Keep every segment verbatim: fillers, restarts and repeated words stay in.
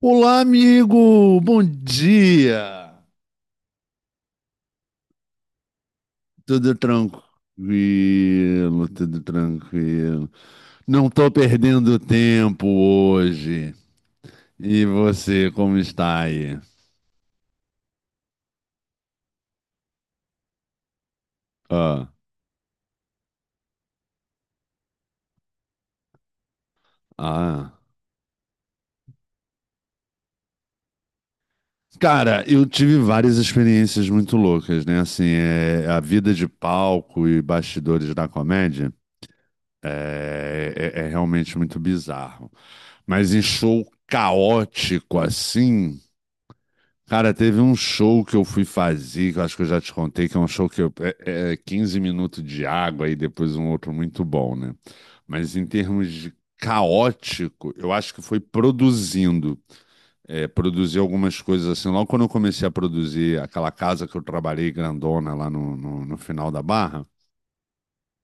Olá, amigo! Bom dia! Tudo tranquilo, tudo tranquilo. Não tô perdendo tempo hoje. E você, como está aí? Ah, ah. Cara, eu tive várias experiências muito loucas, né? Assim, é, a vida de palco e bastidores da comédia é, é é realmente muito bizarro. Mas em show caótico assim. Cara, teve um show que eu fui fazer, que eu acho que eu já te contei, que é um show que eu, é, é quinze minutos de água e depois um outro muito bom, né? Mas em termos de caótico, eu acho que foi produzindo. É, produzir algumas coisas assim. Logo quando eu comecei a produzir aquela casa que eu trabalhei grandona lá no, no, no final da Barra,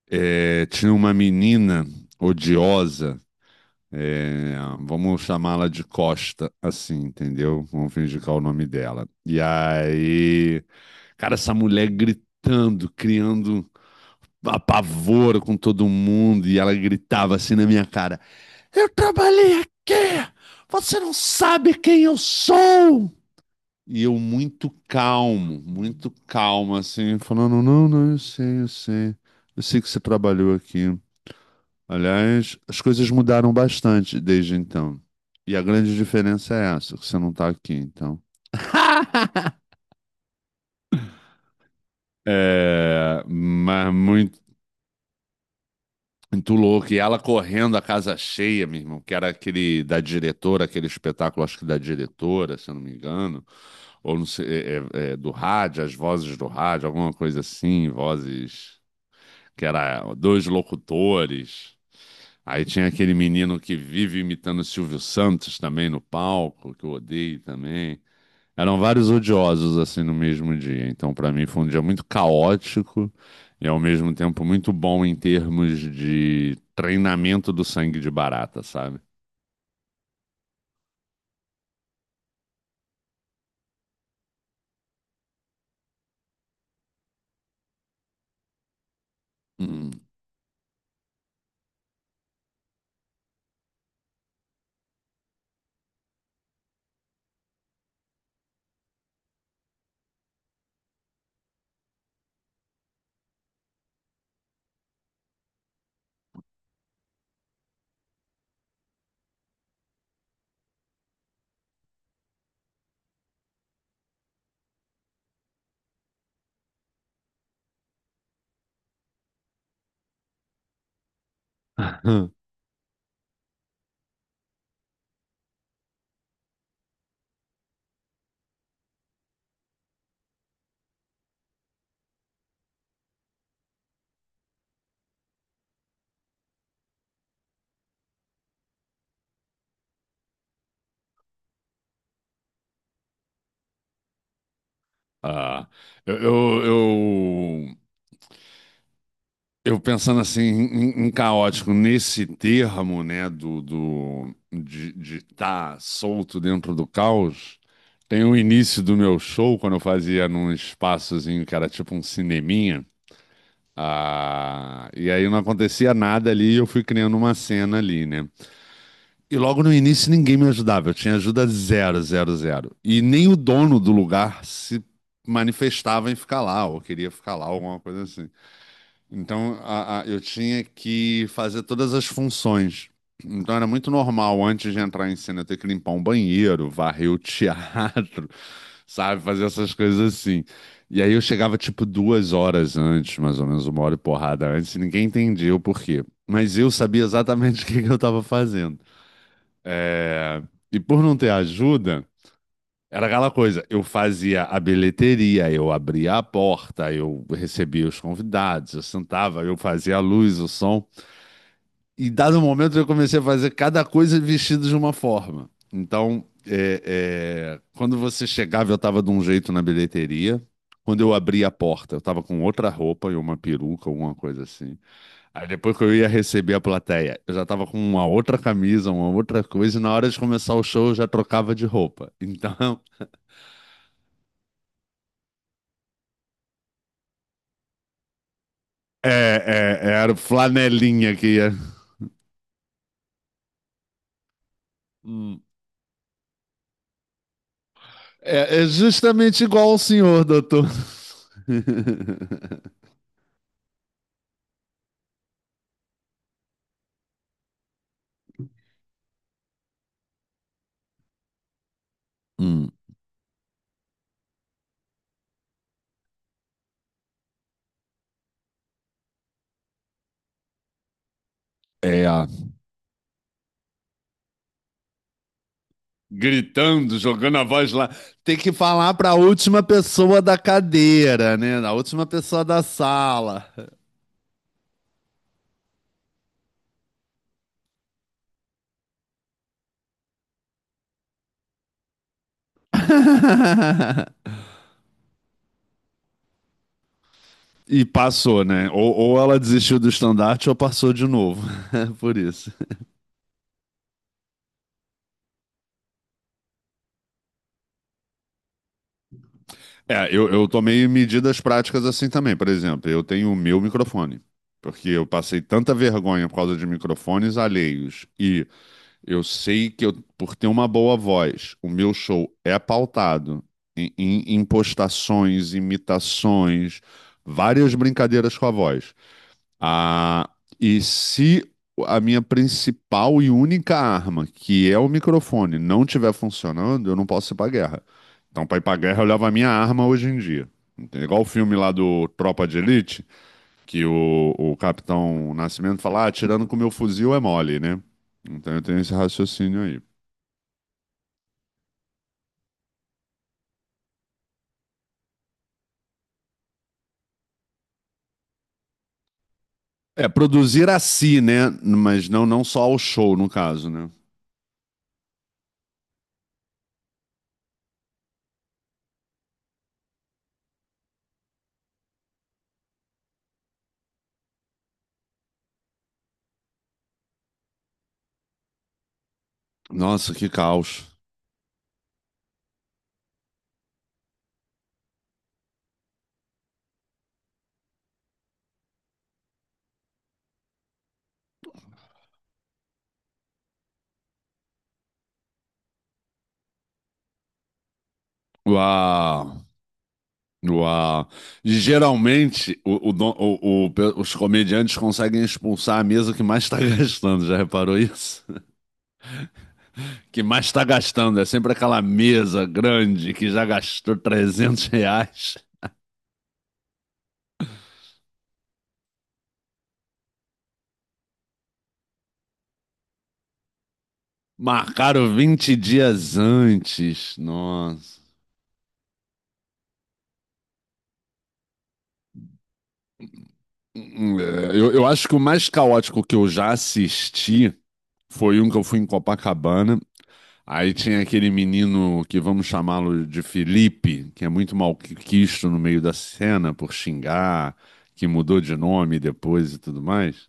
é, tinha uma menina odiosa. é, Vamos chamá-la de Costa, assim, entendeu? Vamos fingir que é o nome dela. E aí, cara, essa mulher gritando, criando apavoro com todo mundo, e ela gritava assim na minha cara: Eu trabalhei aqui! Você não sabe quem eu sou! E eu muito calmo, muito calmo, assim, falando: Não, não, eu sei, eu sei. Eu sei que você trabalhou aqui. Aliás, as coisas mudaram bastante desde então. E a grande diferença é essa, que você não tá aqui, então. É, mas muito, muito louco. E ela correndo a casa cheia, meu irmão, que era aquele da diretora, aquele espetáculo, acho que da diretora, se eu não me engano, ou não sei, é- é- é do rádio, as vozes do rádio, alguma coisa assim, vozes que era dois locutores. Aí tinha aquele menino que vive imitando o Silvio Santos também no palco, que eu odeio também. Eram vários odiosos assim no mesmo dia. Então, para mim, foi um dia muito caótico e ao mesmo tempo muito bom em termos de treinamento do sangue de barata, sabe? Hum. Ah, eu, eu, eu, eu pensando assim em, em, caótico nesse termo, né, do, do de estar solto dentro do caos. Tem o início do meu show, quando eu fazia num espaçozinho que era tipo um cineminha. Ah, e aí não acontecia nada ali e eu fui criando uma cena ali, né? E logo no início ninguém me ajudava, eu tinha ajuda zero, zero, zero. E nem o dono do lugar se manifestava em ficar lá, ou queria ficar lá, alguma coisa assim. Então, a- a- eu tinha que fazer todas as funções. Então, era muito normal, antes de entrar em cena, eu ter que limpar um banheiro, varrer o teatro, sabe? Fazer essas coisas assim. E aí, eu chegava, tipo, duas horas antes, mais ou menos, uma hora e porrada antes, e ninguém entendia o porquê. Mas eu sabia exatamente o que que eu estava fazendo. É. E por não ter ajuda. Era aquela coisa, eu fazia a bilheteria, eu abria a porta, eu recebia os convidados, eu sentava, eu fazia a luz, o som. E dado um momento eu comecei a fazer cada coisa vestido de uma forma. Então, é, é, quando você chegava, eu estava de um jeito na bilheteria. Quando eu abria a porta, eu estava com outra roupa e uma peruca, alguma coisa assim. Aí depois que eu ia receber a plateia, eu já estava com uma outra camisa, uma outra coisa, e na hora de começar o show eu já trocava de roupa. Então. É, é, é, era o flanelinha que ia. Hum. É, é justamente igual ao senhor, doutor. Hum. É, gritando, jogando a voz lá. Tem que falar para a última pessoa da cadeira, né? A última pessoa da sala. E passou, né? Ou, ou ela desistiu do estandarte ou passou de novo. Por isso. É, eu, eu tomei medidas práticas assim também. Por exemplo, eu tenho o meu microfone, porque eu passei tanta vergonha por causa de microfones alheios. E eu sei que eu, por ter uma boa voz, o meu show é pautado em, em, impostações, imitações, várias brincadeiras com a voz. Ah, e se a minha principal e única arma, que é o microfone, não estiver funcionando, eu não posso ir pra guerra. Então, pra ir pra guerra, eu levo a minha arma hoje em dia. Entende? Igual o filme lá do Tropa de Elite, que o, o Capitão Nascimento fala, ah, atirando com meu fuzil é mole, né? Então eu tenho esse raciocínio aí. É, produzir a si, né? Mas não, não só ao show, no caso, né? Nossa, que caos. Uau! Uau. Geralmente, o- o don- o- o pe- os comediantes conseguem expulsar a mesa que mais está gastando, já reparou isso? Que mais está gastando, é sempre aquela mesa grande que já gastou trezentos reais. Marcaram vinte dias antes. Nossa. Hum, é, Eu, eu acho que o mais caótico que eu já assisti foi um que eu fui em Copacabana. Aí tinha aquele menino que vamos chamá-lo de Felipe, que é muito malquisto no meio da cena por xingar, que mudou de nome depois e tudo mais.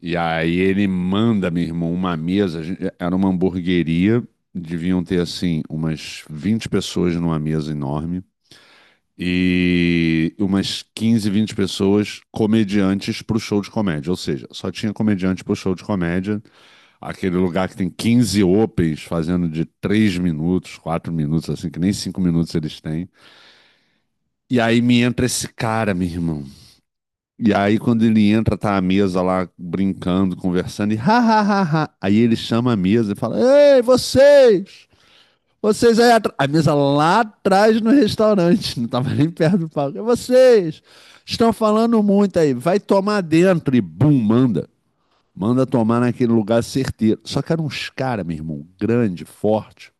E aí ele manda, meu irmão, uma mesa. a gente- Era uma hamburgueria, deviam ter assim umas vinte pessoas numa mesa enorme e umas quinze, vinte pessoas comediantes pro show de comédia. Ou seja, só tinha comediante pro show de comédia. Aquele lugar que tem quinze opens fazendo de três minutos, quatro minutos, assim, que nem cinco minutos eles têm. E aí me entra esse cara, meu irmão. E aí quando ele entra, tá a mesa lá brincando, conversando, e ha, ha, ha, ha. Aí ele chama a mesa e fala, ei, vocês! Vocês aí atrás. A mesa lá atrás no restaurante, não tava nem perto do palco. "É, vocês estão falando muito aí, vai tomar dentro." E bum, manda. Manda tomar naquele lugar certeiro. Só que eram uns caras, meu irmão, grande, forte.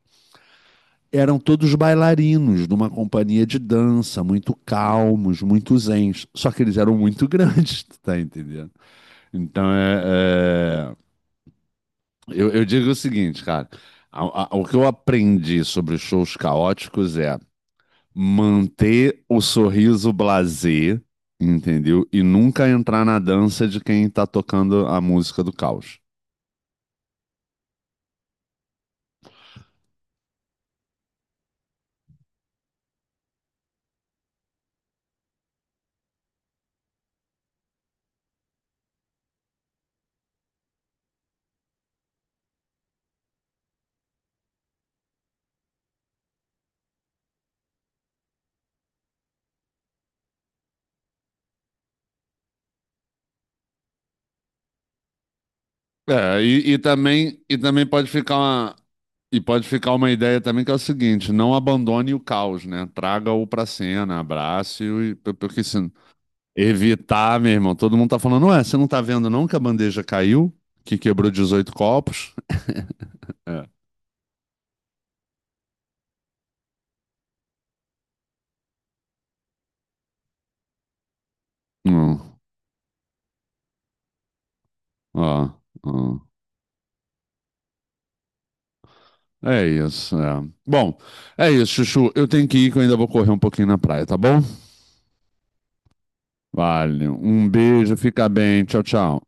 Eram todos bailarinos de uma companhia de dança, muito calmos, muito zens. Só que eles eram muito grandes, tu tá entendendo? Então, é, é, Eu, eu digo o seguinte, cara. A- a- o que eu aprendi sobre shows caóticos é manter o sorriso blasé, entendeu? E nunca entrar na dança de quem tá tocando a música do caos. É, e, e também, e também pode ficar uma, e pode ficar uma ideia também que é o seguinte, não abandone o caos, né? Traga-o pra cena, abrace-o, e- p- porque se evitar, meu irmão, todo mundo tá falando, ué, você não tá vendo não que a bandeja caiu, que quebrou dezoito copos? É. Hum, ó, ó. É isso. É. Bom, é isso, Chuchu. Eu tenho que ir, que eu ainda vou correr um pouquinho na praia, tá bom? Vale. Um beijo, fica bem. Tchau, tchau.